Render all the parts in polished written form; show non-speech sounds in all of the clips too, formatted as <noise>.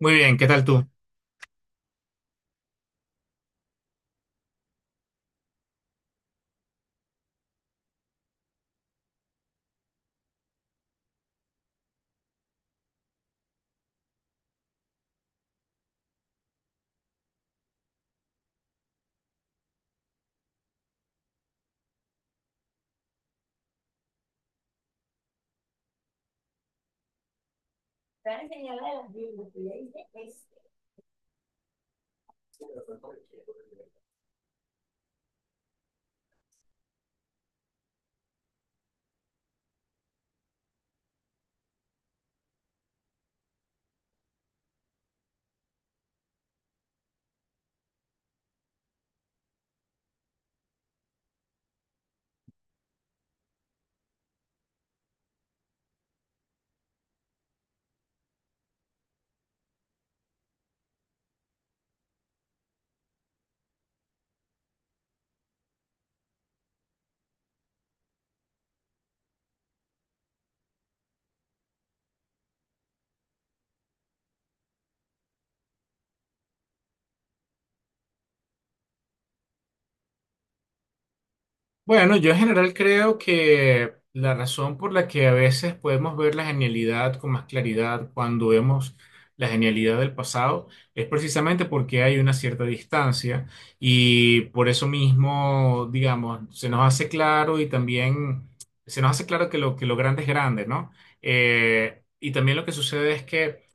Muy bien, ¿qué tal tú? Bueno, yo en general creo que la razón por la que a veces podemos ver la genialidad con más claridad cuando vemos la genialidad del pasado es precisamente porque hay una cierta distancia y por eso mismo, digamos, se nos hace claro y también se nos hace claro que lo grande es grande, ¿no? Y también lo que sucede es que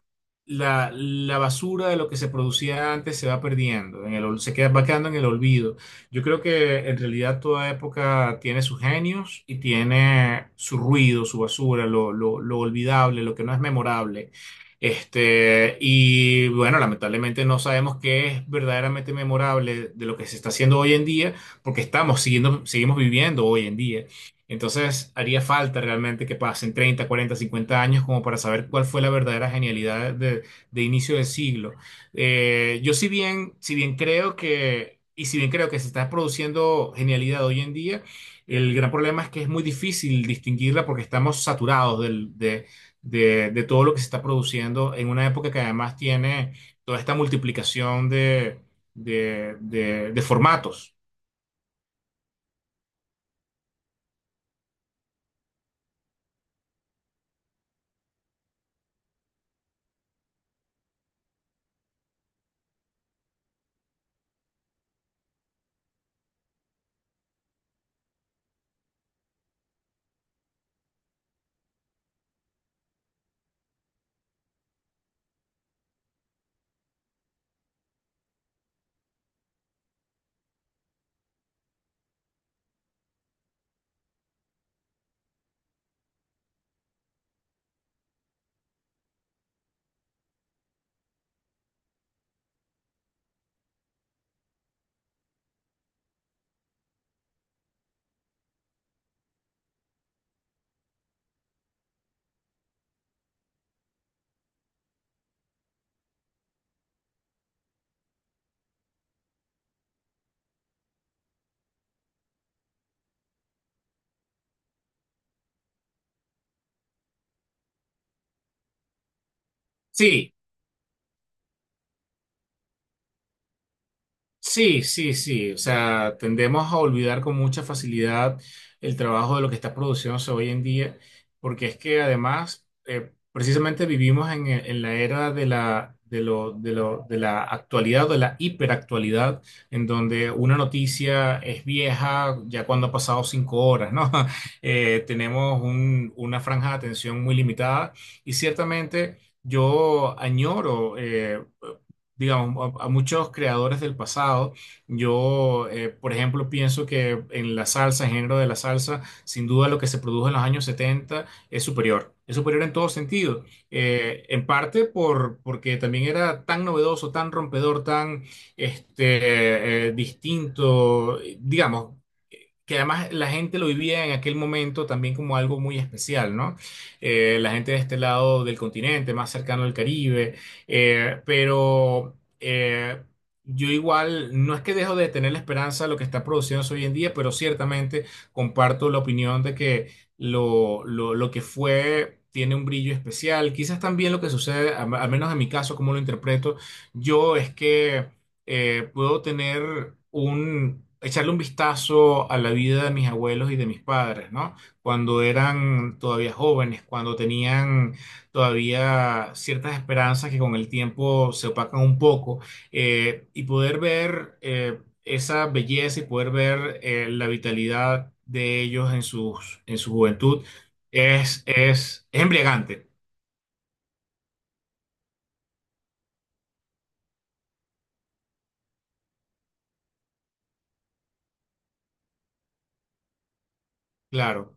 la basura de lo que se producía antes se va perdiendo, se queda, va quedando en el olvido. Yo creo que en realidad toda época tiene sus genios y tiene su ruido, su basura, lo olvidable, lo que no es memorable. Y bueno, lamentablemente no sabemos qué es verdaderamente memorable de lo que se está haciendo hoy en día, porque seguimos viviendo hoy en día. Entonces, haría falta realmente que pasen 30, 40, 50 años como para saber cuál fue la verdadera genialidad de inicio del siglo. Yo si bien, si bien creo que, y si bien creo que se está produciendo genialidad hoy en día, el gran problema es que es muy difícil distinguirla porque estamos saturados de todo lo que se está produciendo en una época que además tiene toda esta multiplicación de formatos. Sí, sí, sí, sí. O sea, tendemos a olvidar con mucha facilidad el trabajo de lo que está produciéndose hoy en día, porque es que además, precisamente vivimos en la era de la actualidad, de la hiperactualidad, en donde una noticia es vieja ya cuando ha pasado 5 horas, ¿no? <laughs> Tenemos una franja de atención muy limitada y ciertamente yo añoro, digamos, a muchos creadores del pasado. Yo, por ejemplo, pienso que en la salsa, en género de la salsa, sin duda lo que se produjo en los años 70 es superior. Es superior en todo sentido. En parte porque también era tan novedoso, tan rompedor, tan distinto. Digamos, que además la gente lo vivía en aquel momento también como algo muy especial, ¿no? La gente de este lado del continente, más cercano al Caribe, pero, yo igual, no es que dejo de tener la esperanza de lo que está produciéndose hoy en día, pero ciertamente comparto la opinión de que lo que fue tiene un brillo especial. Quizás también lo que sucede, al menos en mi caso, como lo interpreto, yo es que puedo echarle un vistazo a la vida de mis abuelos y de mis padres, ¿no? Cuando eran todavía jóvenes, cuando tenían todavía ciertas esperanzas que con el tiempo se opacan un poco, y poder ver esa belleza y poder ver la vitalidad de ellos en su juventud es embriagante, claro.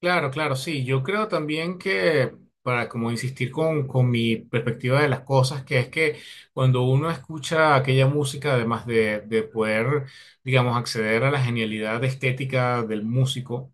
Claro, claro, sí. Yo creo también que, para como insistir con mi perspectiva de las cosas, que es que cuando uno escucha aquella música, además de poder, digamos, acceder a la genialidad estética del músico,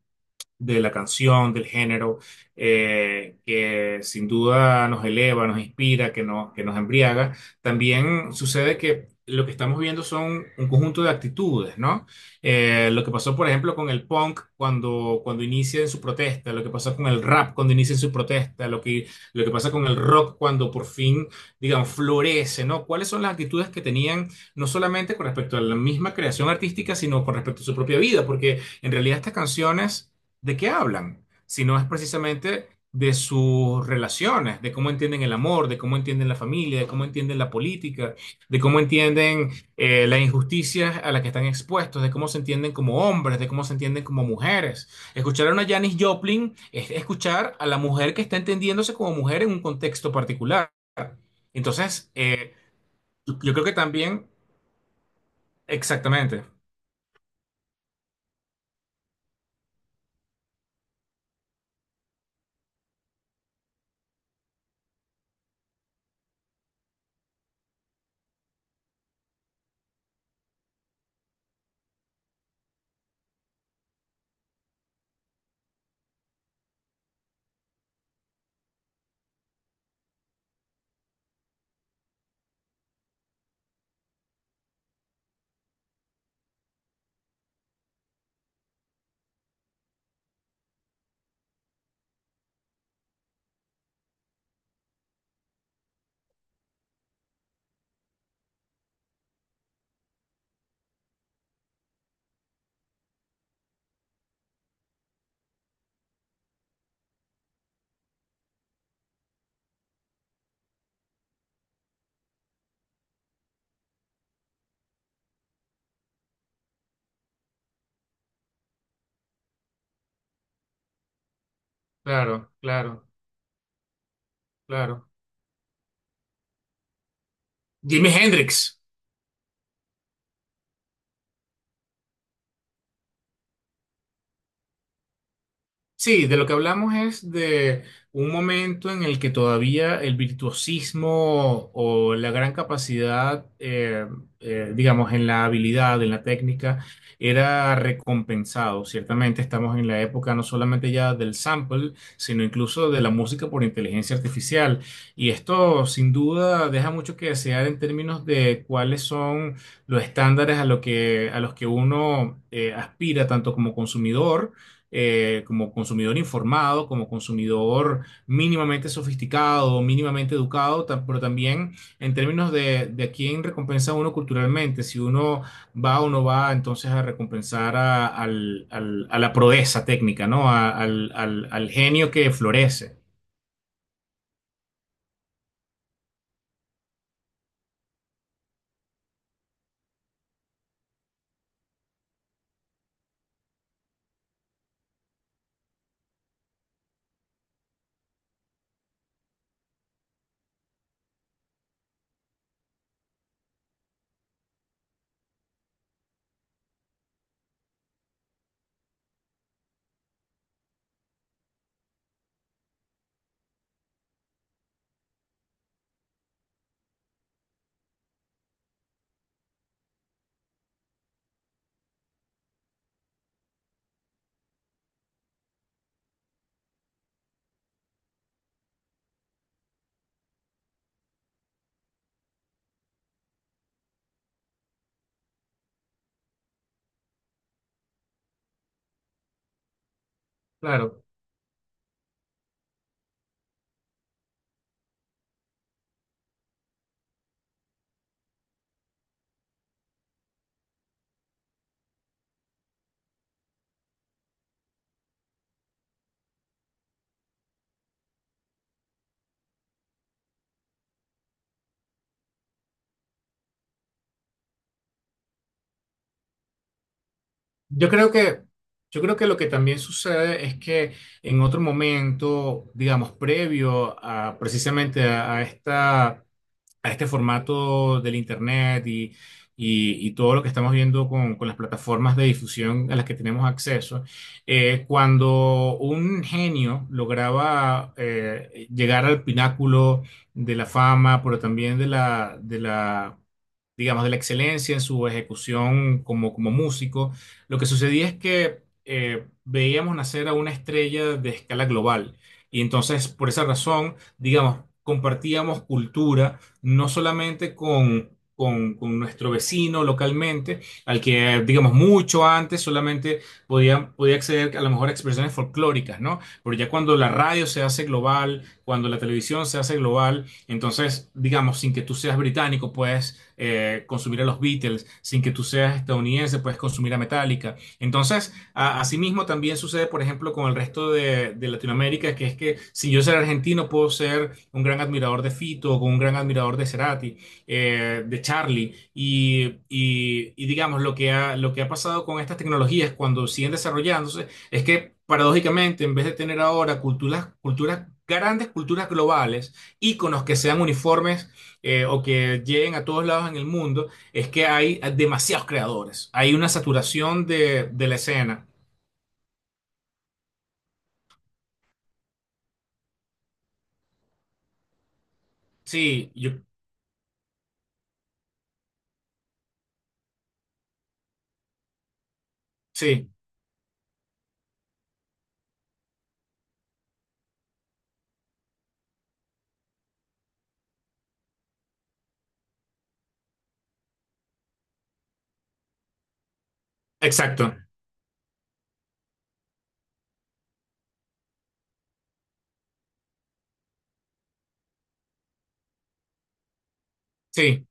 de la canción, del género, que sin duda nos eleva, nos inspira, que, no- que nos embriaga, también sucede que lo que estamos viendo son un conjunto de actitudes, ¿no? Lo que pasó, por ejemplo, con el punk cuando inicia en su protesta, lo que pasa con el rap cuando inicia en su protesta, lo que pasa con el rock cuando por fin, digamos, florece, ¿no? ¿Cuáles son las actitudes que tenían no solamente con respecto a la misma creación artística, sino con respecto a su propia vida? Porque en realidad estas canciones de qué hablan, sino es precisamente de sus relaciones, de cómo entienden el amor, de cómo entienden la familia, de cómo entienden la política, de cómo entienden las injusticias a las que están expuestos, de cómo se entienden como hombres, de cómo se entienden como mujeres. Escuchar a una Janis Joplin es escuchar a la mujer que está entendiéndose como mujer en un contexto particular. Entonces, yo creo que también, exactamente, claro, claro, claro. Jimi Hendrix. Sí, de lo que hablamos es de un momento en el que todavía el virtuosismo o la gran capacidad, digamos, en la habilidad, en la técnica, era recompensado. Ciertamente estamos en la época no solamente ya del sample, sino incluso de la música por inteligencia artificial. Y esto sin duda deja mucho que desear en términos de cuáles son los estándares a los que uno aspira tanto como consumidor informado, como consumidor mínimamente sofisticado, mínimamente educado, pero también en términos de a quién recompensa uno culturalmente, si uno va o no va entonces a recompensar a la proeza técnica, ¿no? Al genio que florece. Claro. Yo creo que, yo creo que lo que también sucede es que en otro momento, digamos, previo a precisamente a este formato del Internet y, todo lo que estamos viendo con las plataformas de difusión a las que tenemos acceso, cuando un genio lograba llegar al pináculo de la fama, pero también digamos, de la excelencia en su ejecución como músico, lo que sucedía es que veíamos nacer a una estrella de escala global. Y entonces, por esa razón, digamos, compartíamos cultura no solamente con nuestro vecino localmente, al que, digamos, mucho antes solamente podía acceder a lo mejor a expresiones folclóricas, ¿no? Pero ya cuando la radio se hace global, cuando la televisión se hace global, entonces, digamos, sin que tú seas británico, puedes consumir a los Beatles, sin que tú seas estadounidense, puedes consumir a Metallica. Entonces, asimismo también sucede, por ejemplo, con el resto de Latinoamérica, que es que si yo soy argentino, puedo ser un gran admirador de Fito, o un gran admirador de Cerati, de Charlie, y, digamos, lo que ha pasado con estas tecnologías cuando siguen desarrollándose es que paradójicamente, en vez de tener ahora grandes culturas globales, íconos que sean uniformes o que lleguen a todos lados en el mundo es que hay demasiados creadores. Hay una saturación de la escena. Sí, sí, exacto. Sí.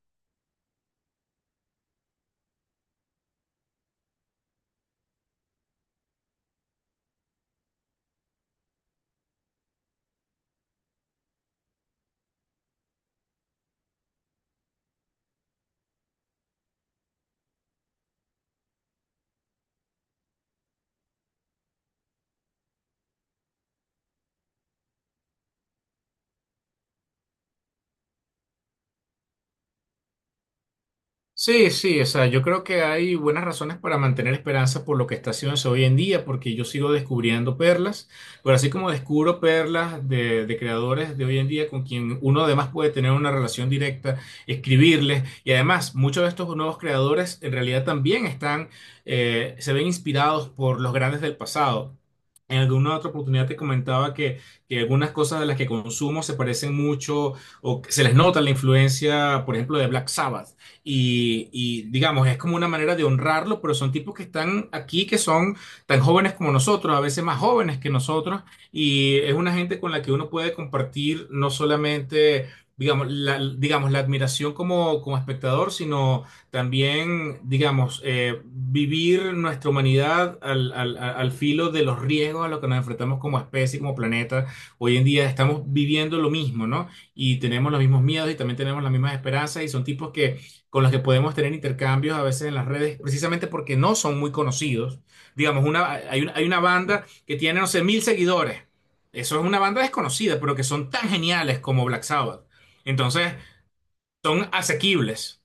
Sí, sí, o sea, yo creo que hay buenas razones para mantener esperanza por lo que está haciéndose hoy en día, porque yo sigo descubriendo perlas, pero así como descubro perlas de creadores de hoy en día con quien uno además puede tener una relación directa, escribirles, y además muchos de estos nuevos creadores en realidad también están, se ven inspirados por los grandes del pasado. En alguna otra oportunidad te comentaba que algunas cosas de las que consumo se parecen mucho o que se les nota la influencia, por ejemplo, de Black Sabbath y, digamos, es como una manera de honrarlo, pero son tipos que están aquí, que son tan jóvenes como nosotros, a veces más jóvenes que nosotros, y es una gente con la que uno puede compartir no solamente, digamos, la admiración como espectador, sino también, digamos, vivir nuestra humanidad al filo de los riesgos a los que nos enfrentamos como especie, como planeta. Hoy en día estamos viviendo lo mismo, ¿no? Y tenemos los mismos miedos y también tenemos las mismas esperanzas y son tipos que con los que podemos tener intercambios a veces en las redes, precisamente porque no son muy conocidos. Digamos, hay una banda que tiene, no sé, 1.000 seguidores. Eso es una banda desconocida, pero que son tan geniales como Black Sabbath. Entonces, son asequibles.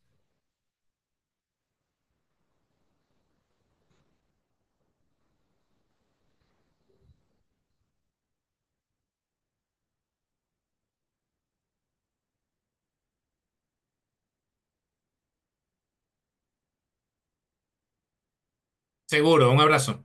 Seguro, un abrazo.